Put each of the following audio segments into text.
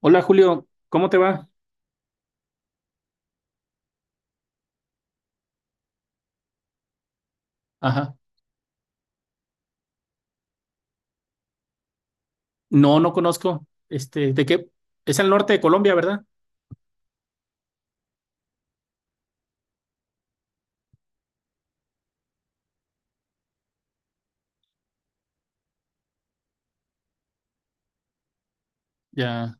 Hola Julio, ¿cómo te va? Ajá. No, no conozco. Este, ¿de qué? Es al norte de Colombia, ¿verdad? Ya.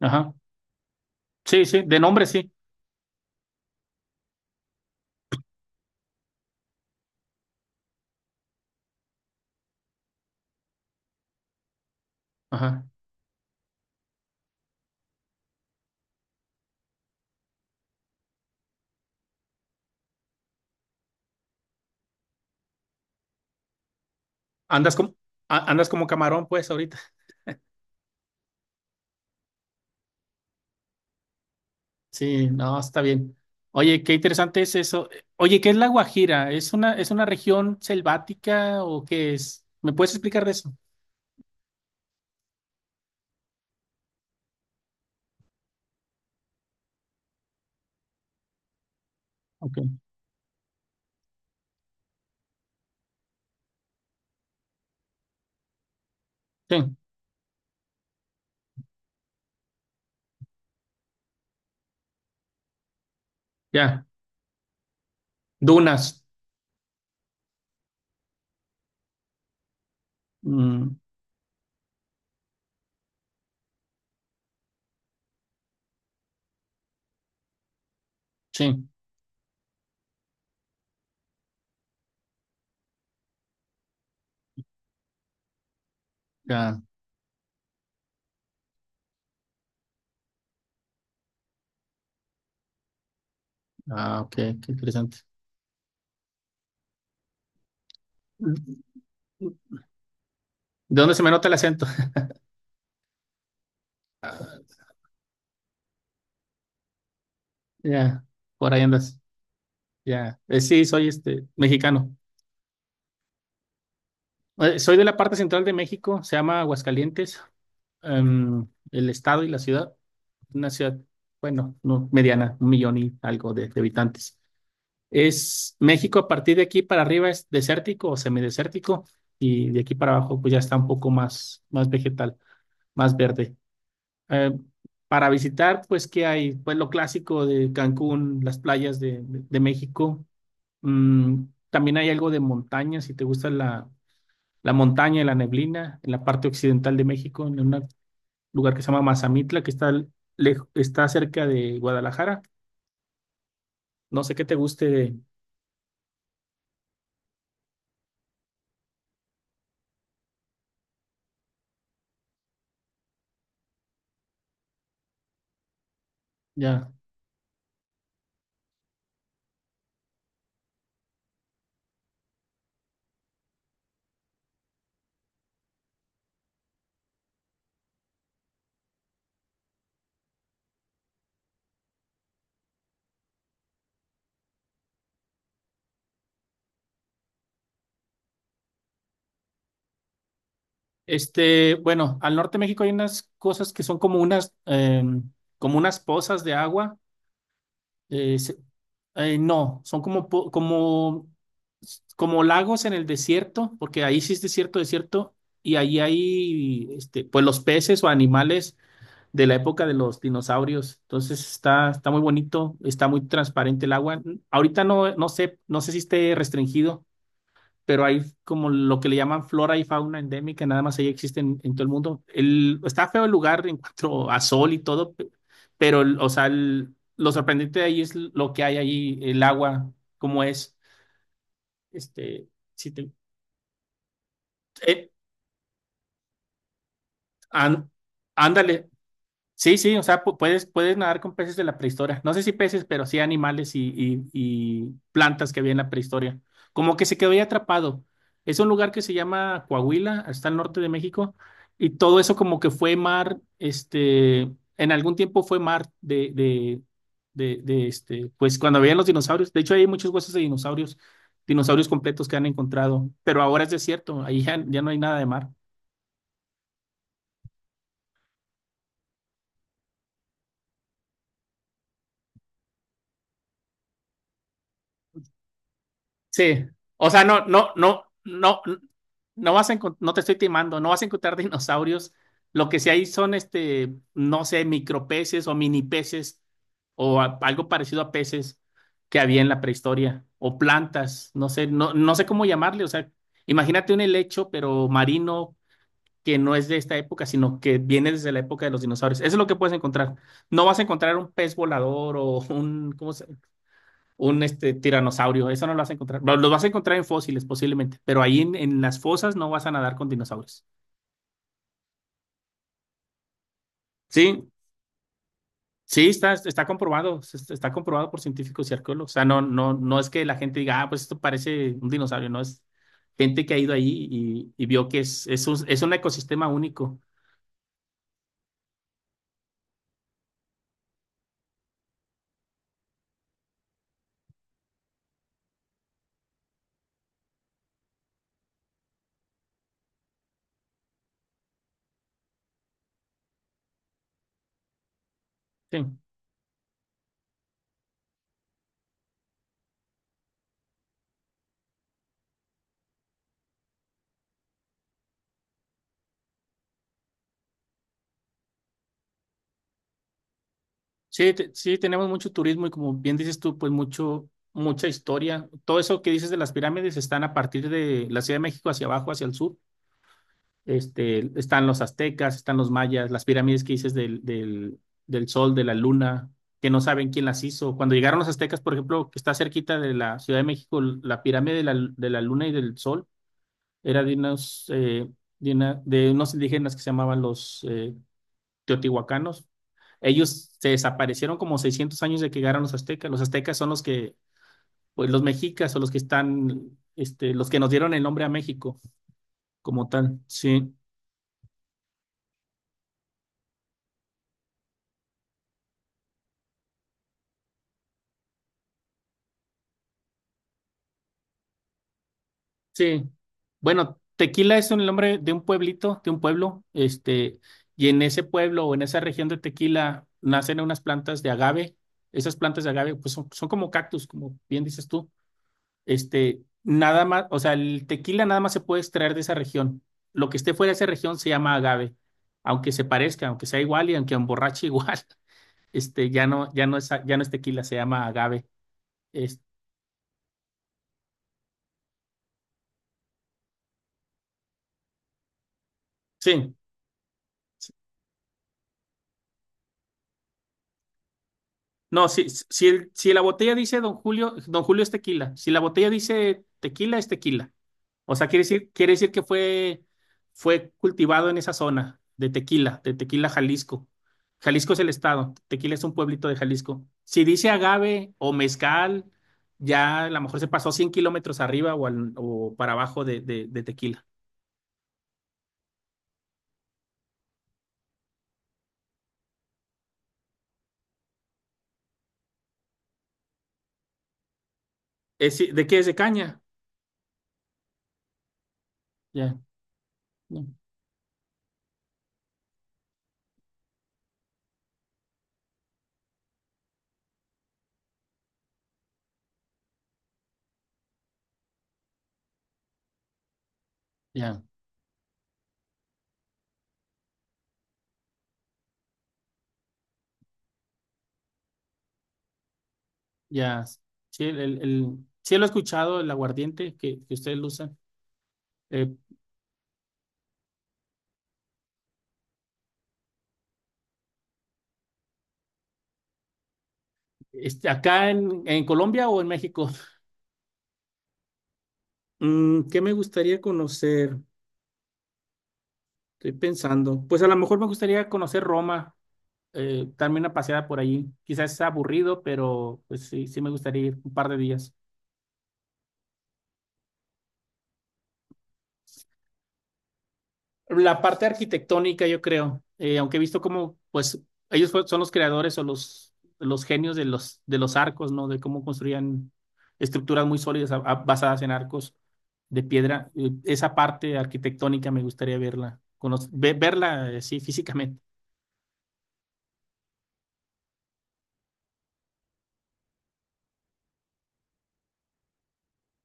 Ajá. Sí, sí, de nombre sí. Ajá. Andas como, andas como camarón, pues, ahorita. Sí, no, está bien. Oye, qué interesante es eso. Oye, ¿qué es la Guajira? ¿Es una región selvática o qué es? ¿Me puedes explicar de eso? Ok. Sí, ya. Dunas. Mm, sí, ya. Ah, ok, qué interesante. ¿De dónde se me nota el acento? Ya, por ahí andas. Ya. Sí, soy mexicano. Soy de la parte central de México, se llama Aguascalientes, em, el estado y la ciudad, una ciudad, bueno, no, mediana, 1 millón y algo de, habitantes. Es México a partir de aquí para arriba es desértico o semidesértico y de aquí para abajo pues ya está un poco más, más vegetal, más verde. Eh, para visitar, pues, ¿qué hay? Pues lo clásico de Cancún, las playas de, de México. Mm, también hay algo de montaña, si te gusta la montaña y la neblina, en la parte occidental de México, en un lugar que se llama Mazamitla, que está cerca de Guadalajara. No sé qué te guste. Ya. Bueno, al norte de México hay unas cosas que son como unas pozas de agua. eh, se- no, son como lagos en el desierto, porque ahí sí es desierto, desierto, y ahí hay, pues los peces o animales de la época de los dinosaurios. Entonces está muy bonito, está muy transparente el agua. Ahorita no, no sé si esté restringido, pero hay como lo que le llaman flora y fauna endémica, nada más ahí existen en todo el mundo. Está feo el lugar en cuanto a sol y todo, pero, o sea, lo sorprendente de ahí es lo que hay ahí, el agua, cómo es. Este, si te, eh, an- ándale. Sí, sí, o sea, puedes nadar con peces de la prehistoria. No sé si peces, pero sí animales y plantas que había en la prehistoria. Como que se quedó ahí atrapado. Es un lugar que se llama Coahuila, está al norte de México, y todo eso como que fue mar, en algún tiempo fue mar de pues cuando habían los dinosaurios. De hecho, hay muchos huesos de dinosaurios, dinosaurios completos que han encontrado, pero ahora es desierto, ahí ya no hay nada de mar. Sí. O sea, no, no, no, no, no te estoy timando, no vas a encontrar dinosaurios. Lo que sí hay son no sé, micropeces o mini peces o algo parecido a peces que había en la prehistoria o plantas, no sé, no, no sé cómo llamarle, o sea, imagínate un helecho pero marino que no es de esta época, sino que viene desde la época de los dinosaurios. Eso es lo que puedes encontrar. No vas a encontrar un pez volador o un tiranosaurio, eso no lo vas a encontrar. Los vas a encontrar en fósiles posiblemente, pero ahí en las fosas no vas a nadar con dinosaurios. Sí, sí, está comprobado, está comprobado por científicos y arqueólogos. O sea, no, no, no es que la gente diga, ah, pues esto parece un dinosaurio, no es gente que ha ido ahí y vio que es un ecosistema único. Sí, sí, tenemos mucho turismo y como bien dices tú, pues mucha historia. Todo eso que dices de las pirámides están a partir de la Ciudad de México hacia abajo, hacia el sur. Están los aztecas, están los mayas, las pirámides que dices del sol, de la luna, que no saben quién las hizo. Cuando llegaron los aztecas, por ejemplo, que está cerquita de la Ciudad de México, la pirámide de la luna y del sol era de unos indígenas que se llamaban los teotihuacanos. Ellos se desaparecieron como 600 años de que llegaron los aztecas. Los aztecas son los que, pues los mexicas o los que están, los que nos dieron el nombre a México como tal. Sí. Sí. Bueno, Tequila es el nombre de un pueblito, de un pueblo, y en ese pueblo o en esa región de Tequila nacen unas plantas de agave. Esas plantas de agave, pues son como cactus, como bien dices tú. Nada más, o sea, el tequila nada más se puede extraer de esa región. Lo que esté fuera de esa región se llama agave, aunque se parezca, aunque sea igual y aunque emborrache igual. Este, ya no, ya no es tequila, se llama agave. Es- sí. No, si la botella dice Don Julio, Don Julio es tequila. Si la botella dice tequila, es tequila. O sea, quiere decir que fue cultivado en esa zona de Tequila, Jalisco. Jalisco es el estado, Tequila es un pueblito de Jalisco. Si dice agave o mezcal, ya a lo mejor se pasó 100 kilómetros arriba o para abajo de Tequila. Si, ¿de qué es? ¿De caña? Ya, ya, ya. Ya. Sí, sí lo he escuchado, el aguardiente que ustedes lo usan. Eh, ¿acá en Colombia o en México? ¿Qué me gustaría conocer? Estoy pensando. Pues a lo mejor me gustaría conocer Roma, darme una paseada por allí. Quizás sea aburrido, pero pues sí, sí me gustaría ir un par de días. La parte arquitectónica, yo creo, aunque he visto como pues, ellos son los creadores o los genios de los arcos, ¿no? De cómo construían estructuras muy sólidas basadas en arcos de piedra. Esa parte arquitectónica me gustaría verla, sí, físicamente.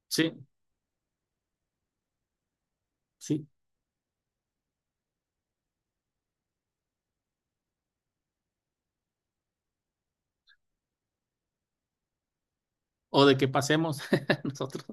Sí, sí. O de que pasemos nosotros.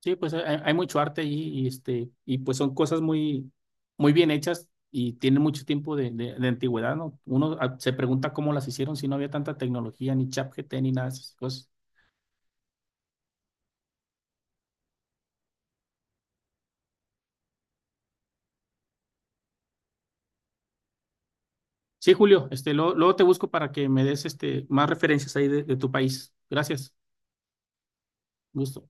Sí, pues hay mucho arte allí y pues son cosas muy, muy bien hechas y tienen mucho tiempo de antigüedad, ¿no? Uno se pregunta cómo las hicieron si no había tanta tecnología, ni ChatGPT, ni nada de esas cosas. Sí, Julio, luego, luego te busco para que me des más referencias ahí de tu país. Gracias. Gusto.